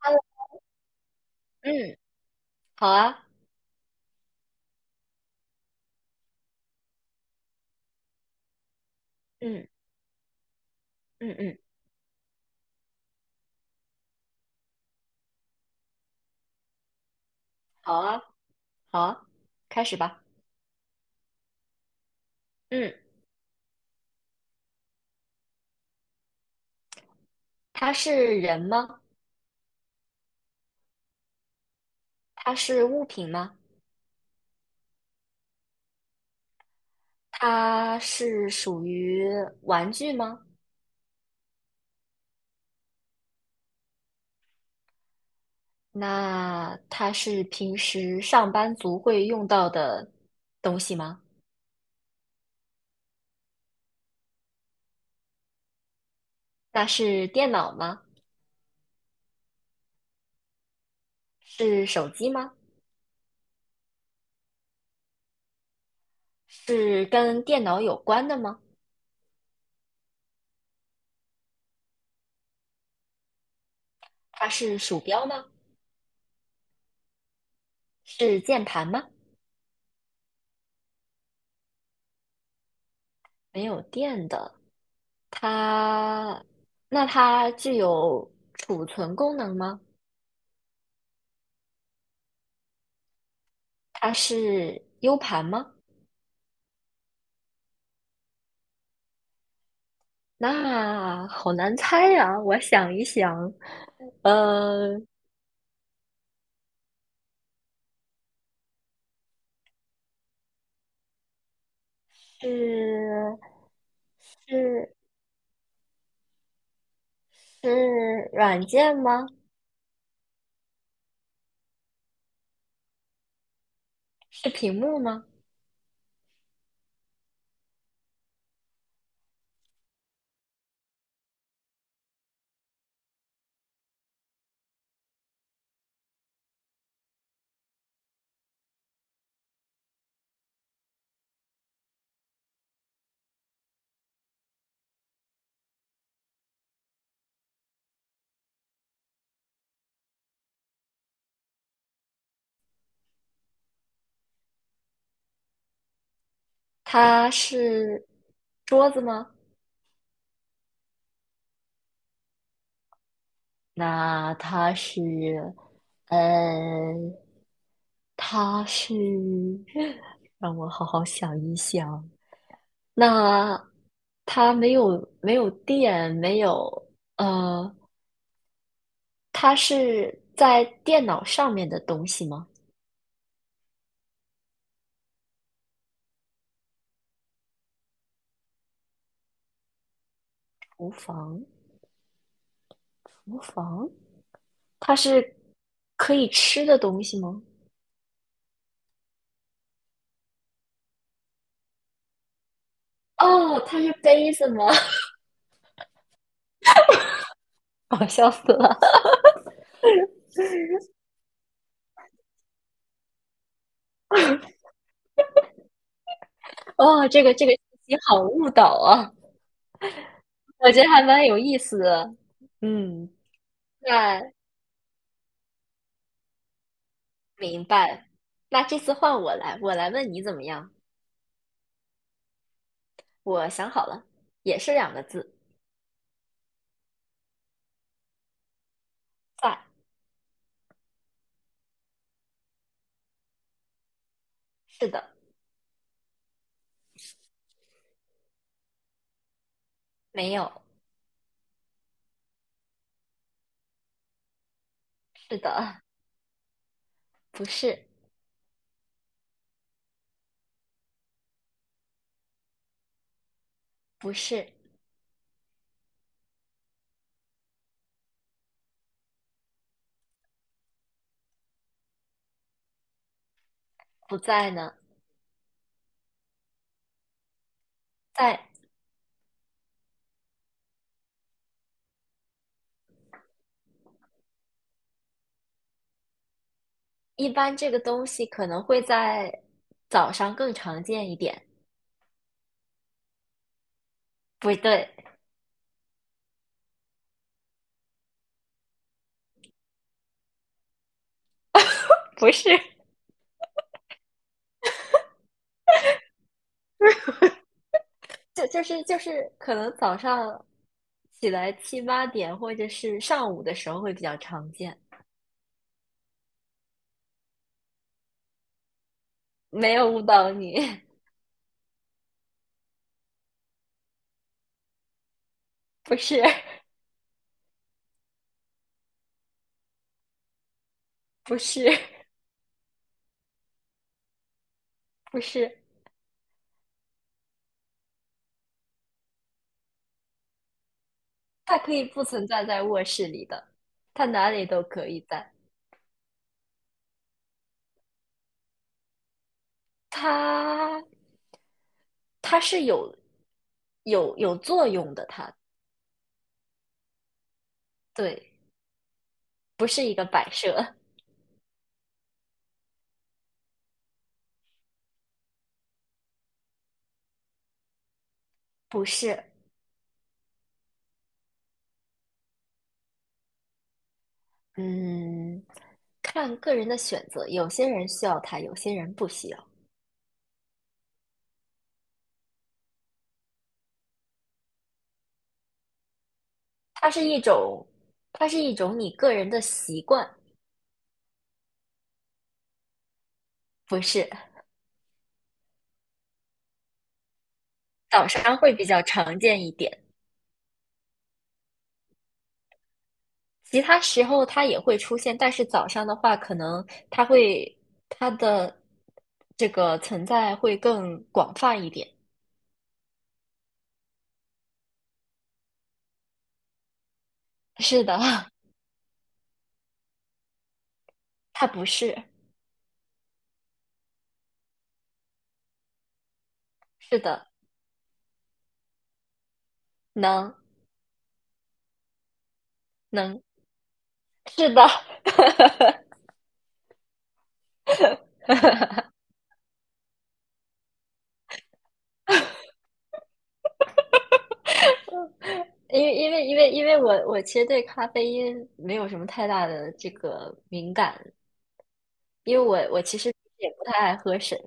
Hello，嗯，好啊，嗯嗯嗯，好啊，好啊，开始吧。嗯，它是人吗？它是物品吗？它是属于玩具吗？那它是平时上班族会用到的东西吗？那是电脑吗？是手机吗？是跟电脑有关的吗？它是鼠标吗？是键盘吗？没有电的。它，那它具有储存功能吗？它是 U 盘吗？那好难猜呀，我想一想，呃，是是是软件吗？是屏幕吗？它是桌子吗？那它是，呃，它是，让我好好想一想，那它没有电，没有呃，它是在电脑上面的东西吗？厨房，厨房，它是可以吃的东西吗？哦，它是杯子吗？我笑死了！哦，这个信息好误导啊，我觉得还蛮有意思的。嗯，那明白。那这次换我来，我来问你怎么样？我想好了，也是两个字，在，是的，没有。是的，不是，不是，不在呢，在一般这个东西可能会在早上更常见一点。不对 不是，就是可能早上起来七八点或者是上午的时候会比较常见。没有误导你，不是，不是，不是，它可以不存在在卧室里的，它哪里都可以在，它它是有作用的，它对。不是一个摆设，不是，嗯，看个人的选择，有些人需要它，有些人不需要。它是一种，它是一种你个人的习惯，不是。早上会比较常见一点，其他时候它也会出现，但是早上的话，可能它会它的这个存在会更广泛一点。是的，它不是，是的，能能，是的。因为我其实对咖啡因没有什么太大的这个敏感，因为我其实也不太爱喝水，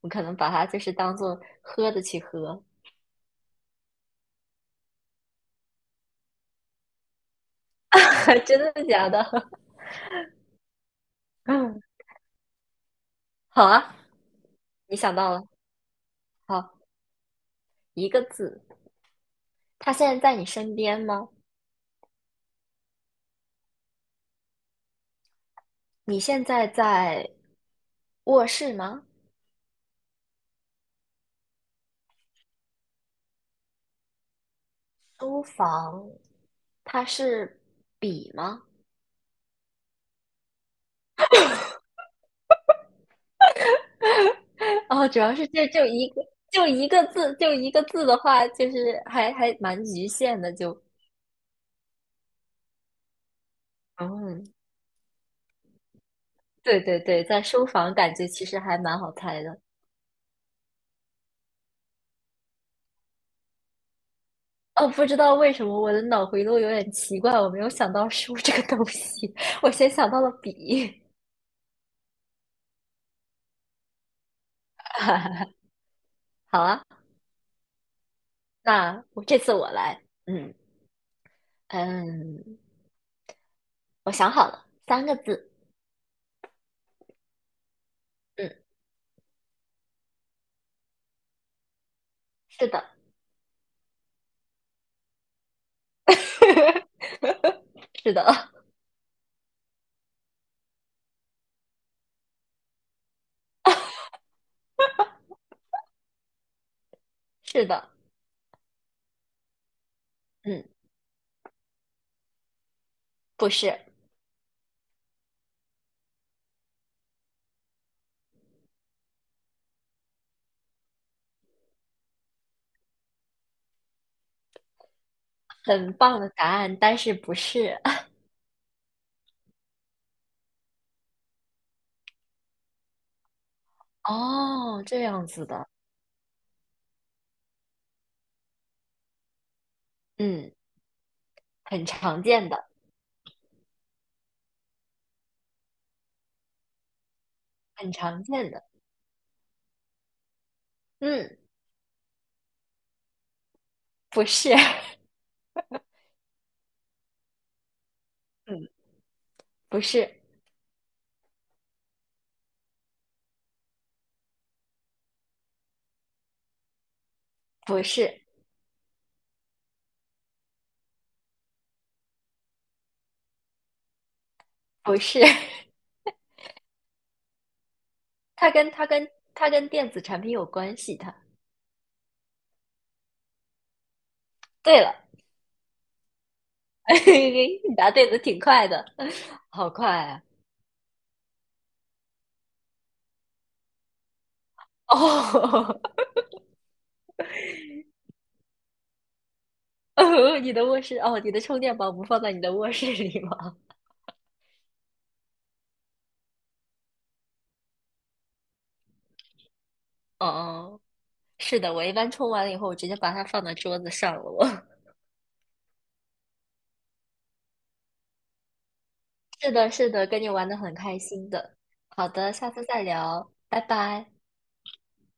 我可能把它就是当做喝的去喝，真的假的？嗯好啊，你想到了，好，一个字，他现在在你身边吗？你现在在卧室吗？书房，它是笔吗？哦，主要是这就一个就一个字的话，就是还蛮局限的，就嗯，对对对，在书房感觉其实还蛮好猜的。哦，不知道为什么我的脑回路有点奇怪，我没有想到书这个东西，我先想到了笔。好啊，那我这次我来，嗯嗯，我想好了，三个字，嗯，是的，是的，是的，嗯，不是，很棒的答案，但是不是？哦，这样子的，嗯，很常见的，很常见的，嗯，不是，嗯，不是，不是，不是，它跟电子产品有关系，它。对了，你答对的挺快的，好快啊！哦，哦，你的卧室，哦，你的充电宝不放在你的卧室里吗？哦，哦是的，我一般充完了以后，我直接把它放到桌子上了，我。是的，是的，跟你玩的很开心的。好的，下次再聊，拜拜。